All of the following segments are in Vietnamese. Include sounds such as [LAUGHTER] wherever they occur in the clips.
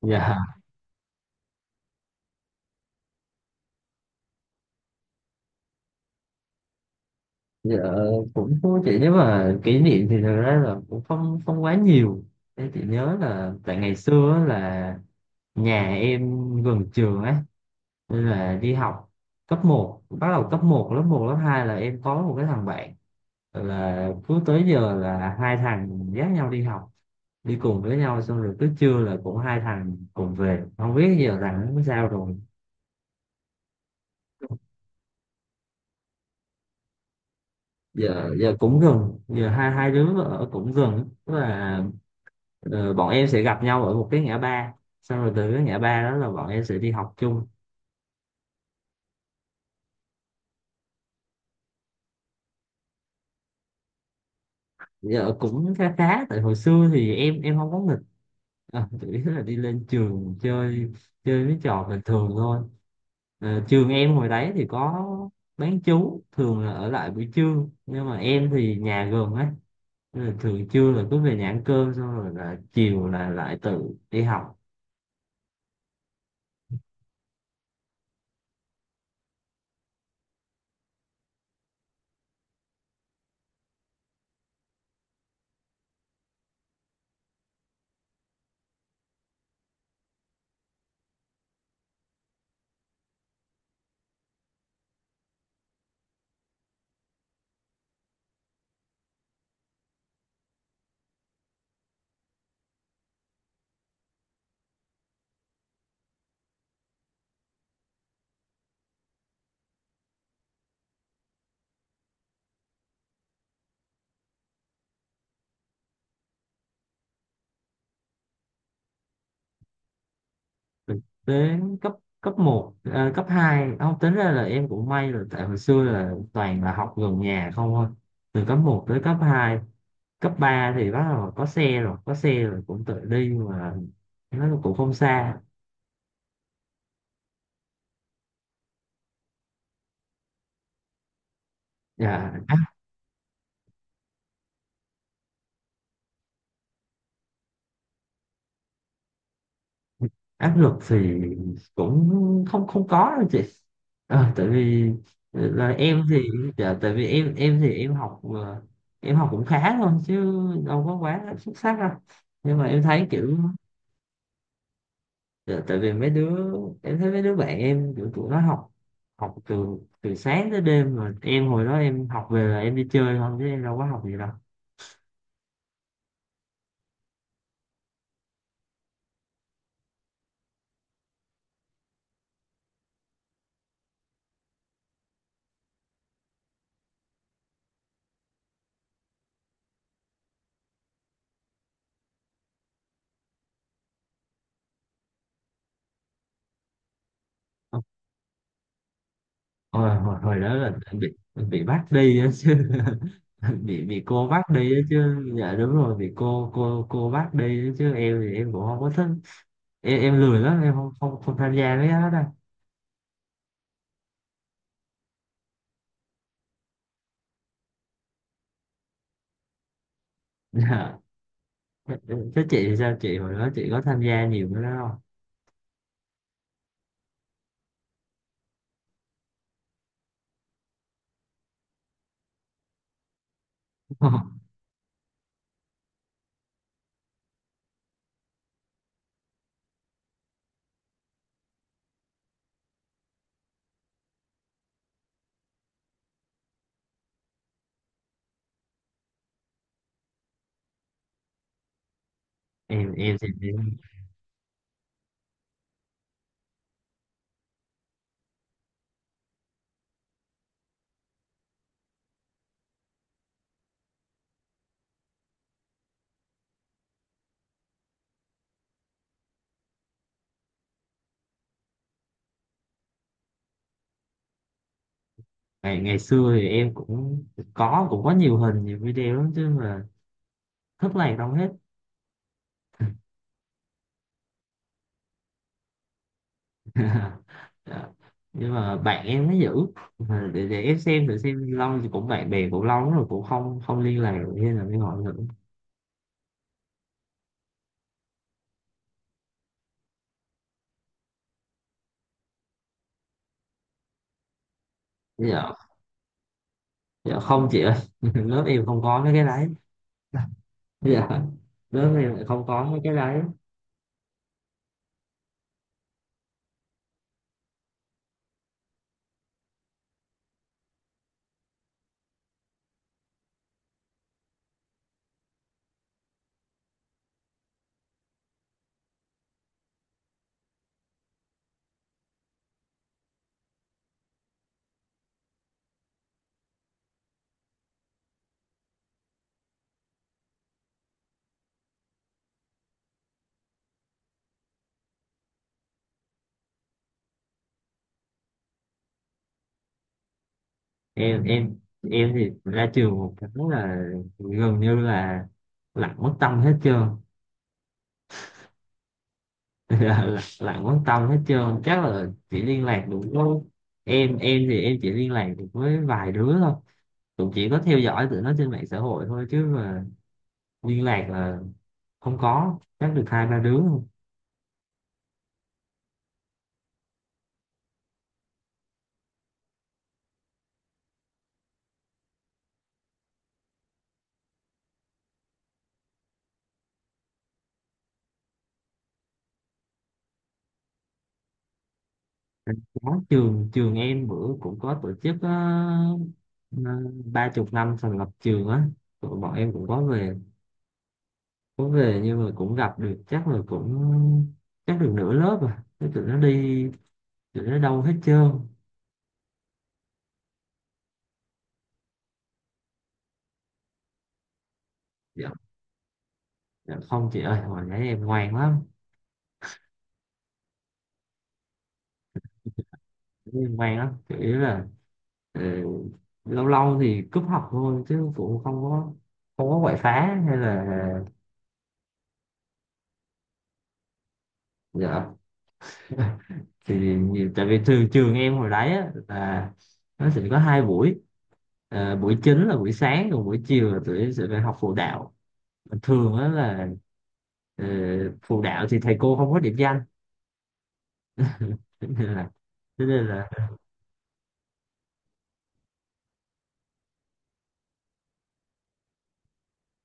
Dạ, dạ, cũng thú chị. Nếu mà kỷ niệm thì thật ra là cũng không không quá nhiều. Em chỉ nhớ là tại ngày xưa á, là nhà em gần trường ấy, nên là đi học cấp một, bắt đầu cấp một lớp 2 là em có một cái thằng bạn, là cứ tới giờ là hai thằng dắt nhau đi học, đi cùng với nhau, xong rồi cứ trưa là cũng hai thằng cùng về. Không biết giờ thằng nó sao rồi. Giờ giờ cũng gần, giờ hai hai đứa ở cũng gần, tức là ờ, bọn em sẽ gặp nhau ở một cái ngã ba, xong rồi từ cái ngã ba đó là bọn em sẽ đi học chung. Giờ cũng khá khá, tại hồi xưa thì em không có nghịch, à, chủ yếu là đi lên trường chơi, chơi mấy trò bình thường thôi. Ờ, trường em hồi đấy thì có bán trú, thường là ở lại buổi trưa, nhưng mà em thì nhà gần ấy, nên là thường trưa là cứ về nhà ăn cơm, xong rồi là chiều là lại tự đi học. Thực tế cấp cấp một, à, cấp 2 không tính, ra là em cũng may là tại hồi xưa là toàn là học gần nhà không thôi, từ cấp một tới cấp hai. Cấp 3 thì bắt đầu có xe rồi, có xe rồi cũng tự đi mà, nó cũng không xa. Dạ, áp lực thì cũng không không có đâu chị. Ờ, tại vì là em thì dạ, tại vì em thì em học em học cũng khá thôi chứ, đâu có quá xuất sắc đâu, nhưng mà em thấy kiểu dạ, tại vì mấy đứa, em thấy mấy đứa bạn em kiểu tụi nó học, học từ từ sáng tới đêm, mà em hồi đó em học về là em đi chơi không chứ em đâu có học gì đâu. Ờ, hồi đó là em bị bắt đi á chứ, [LAUGHS] bị cô bắt đi á chứ, dạ đúng rồi, bị cô bắt đi á chứ. Em thì em cũng không có thích, em lười lắm, em không không, không tham gia mấy cái đó đâu. [LAUGHS] Dạ, thế chị thì sao, chị hồi đó chị có tham gia nhiều cái đó không? [LAUGHS] Em thì em ngày ngày xưa thì em cũng có, cũng có nhiều hình, nhiều video lắm chứ mà thất lạc đâu hết. [LAUGHS] Dạ, nhưng mà bạn em nó giữ. Mà để em xem thử xem, lâu thì cũng bạn bè cũng lâu lắm rồi, cũng không không liên lạc được, hay là mới hỏi thử. Dạ, dạ, không chị ơi, [LAUGHS] lớp em không có mấy cái đấy. Dạ, lớp em lại không có mấy cái đấy. Em em em thì ra trường một cái là gần như là lặng mất tâm hết trơn. [LAUGHS] Lặng quan tâm hết trơn, chắc là chỉ liên lạc được với, em thì em chỉ liên lạc được với vài đứa thôi, cũng chỉ có theo dõi tụi nó trên mạng xã hội thôi chứ mà, liên lạc là không có chắc được hai ba đứa thôi. Có, trường trường em bữa cũng có tổ chức ờ, 30 năm thành lập trường á, tụi bọn em cũng có về, có về nhưng mà cũng gặp được chắc là cũng chắc được nửa lớp rồi. Thế tụi nó đi, tụi nó đâu hết trơn. Dạ, dạ không chị ơi, hồi nãy em ngoan lắm. Em ngoan lắm, chủ yếu là ờ, lâu lâu thì cúp học thôi, chứ cũng không có, không có quậy phá hay là dạ. Thì nhiều- tại vì trường trường em hồi đấy á, là nó sẽ có hai buổi. Ờ, buổi chính là buổi sáng, còn buổi chiều là tụi em sẽ phải học phụ đạo. Mà thường á là ờ, phụ đạo thì thầy cô không có điểm danh. [LAUGHS] Cho nên là cho nên là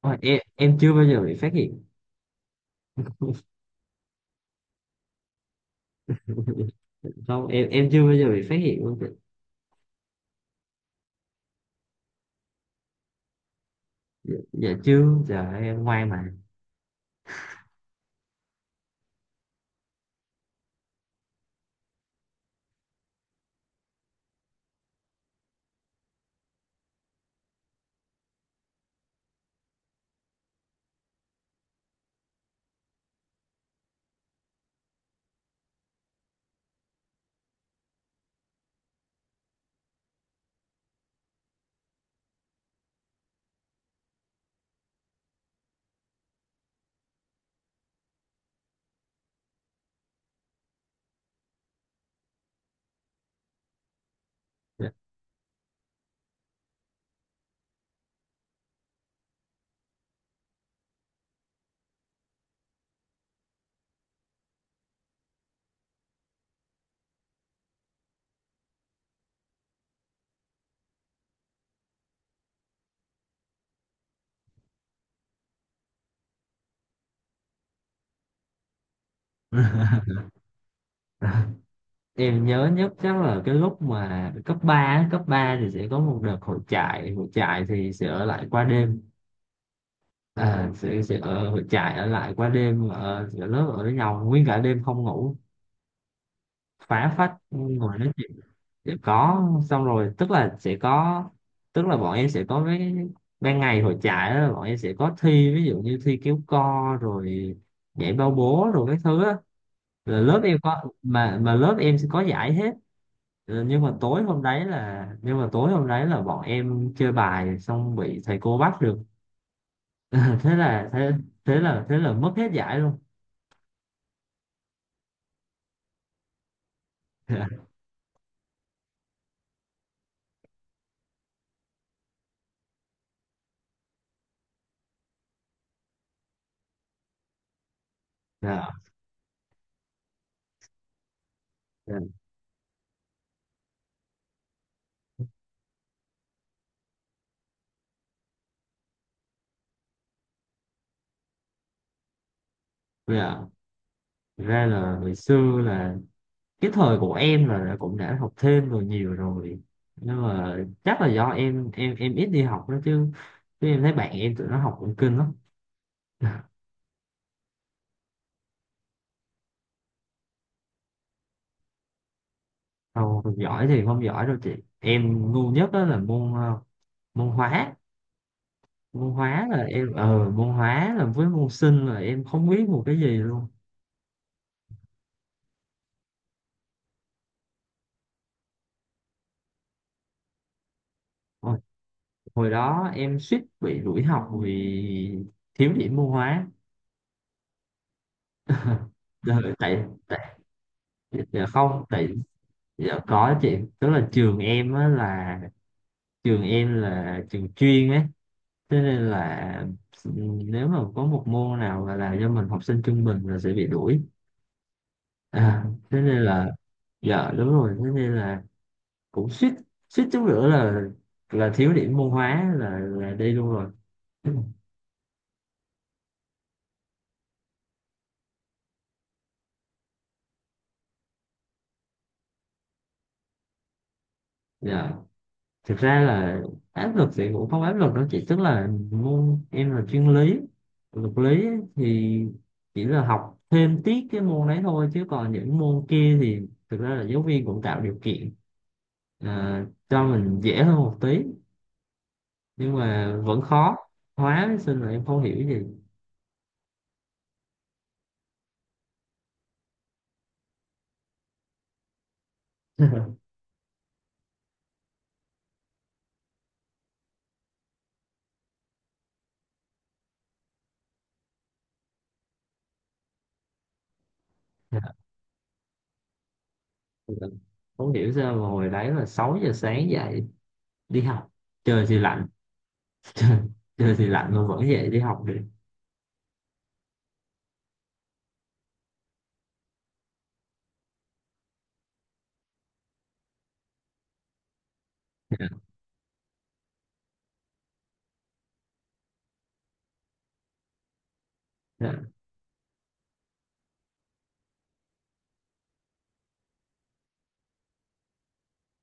ôi, em chưa bao giờ bị phát hiện. [LAUGHS] Không, em chưa bao giờ bị phát hiện luôn. Dạ, dạ chứ, giờ em ngoan mà. Dạ. [LAUGHS] Em nhớ nhất chắc là cái lúc mà cấp 3 á, cấp 3 thì sẽ có một đợt hội trại, hội trại thì sẽ ở lại qua đêm, à, sẽ ở hội trại, ở lại qua đêm ở lớp ở với nhau nguyên cả đêm không ngủ, phá phách ngồi nói chuyện. Sẽ có, xong rồi tức là sẽ có, tức là bọn em sẽ có cái ban ngày hội trại đó, bọn em sẽ có thi, ví dụ như thi kéo co rồi nhảy bao bố rồi cái thứ á. Là lớp em có, mà lớp em sẽ có giải hết. Ờ, nhưng mà tối hôm đấy là, nhưng mà tối hôm đấy là bọn em chơi bài xong bị thầy cô bắt được. [LAUGHS] thế là thế thế là mất hết giải luôn. [LAUGHS] Dạ, dạ, dạ. Ra là hồi xưa là cái thời của em là đã- cũng đã học thêm rồi, nhiều rồi, nhưng mà chắc là do em ít đi học đó chứ, chứ em thấy bạn em tụi nó học cũng kinh lắm. [LAUGHS] không không giỏi thì không giỏi đâu chị. Em ngu nhất đó là môn ờ, môn hóa, môn hóa là em ờ môn hóa là với môn sinh là em không biết một cái gì luôn. Hồi, hồi đó em suýt bị đuổi học vì thiếu điểm môn hóa. Giờ- tại tại giờ không, tại giờ có chuyện, tức là trường em á là trường em là trường chuyên ấy, cho nên là nếu mà có một môn nào mà là do mình học sinh trung bình là sẽ bị đuổi. À, thế nên là dạ đúng rồi, thế nên là cũng suýt, suýt chút nữa là thiếu điểm môn hóa là đi luôn rồi. Dạ, thực ra là áp lực thì cũng không áp lực đâu chị, tức là môn em là chuyên lý, luật lý ấy, thì chỉ là học thêm tiết cái môn đấy thôi, chứ còn những môn kia thì thực ra là giáo viên cũng tạo điều kiện, à, cho mình dễ hơn một tí, nhưng mà vẫn khó. Hóa với sinh là em không hiểu gì. [LAUGHS] Dạ, không hiểu sao mà hồi đấy là 6 giờ sáng dậy đi học, trời thì lạnh, [LAUGHS] Trời, chơi thì lạnh mà vẫn dậy đi học được. Dạ, dạ,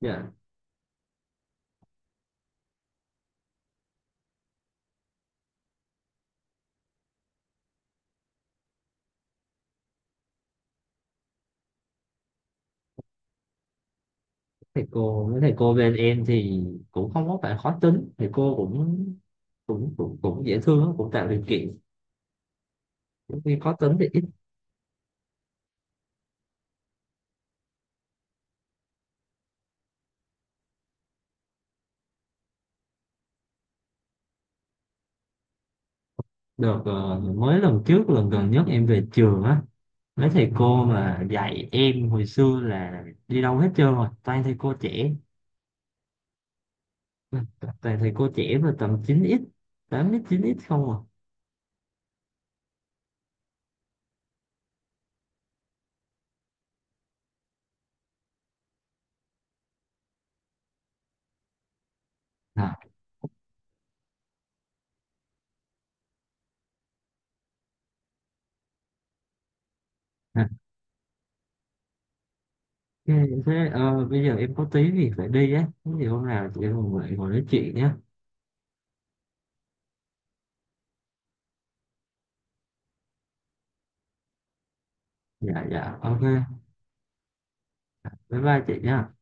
dạ. Thầy cô, mấy thầy cô bên em thì cũng không có phải khó tính, thầy cô cũng cũng dễ thương, cũng tạo điều kiện, những khi khó tính thì ít. Được ờ, mới lần trước, lần gần nhất em về trường á, mấy thầy cô mà dạy em hồi xưa là đi đâu hết trơn rồi, toàn thầy cô trẻ, toàn thầy cô trẻ mà tầm 9x, 8x 9x không à. Dạ. Ok, thế ờ, bây giờ em có tí thì phải đi á. Thế thì hôm nào chị em mình lại ngồi nói chuyện nhé. Dạ, dạ, ok. Bye bye chị nhá.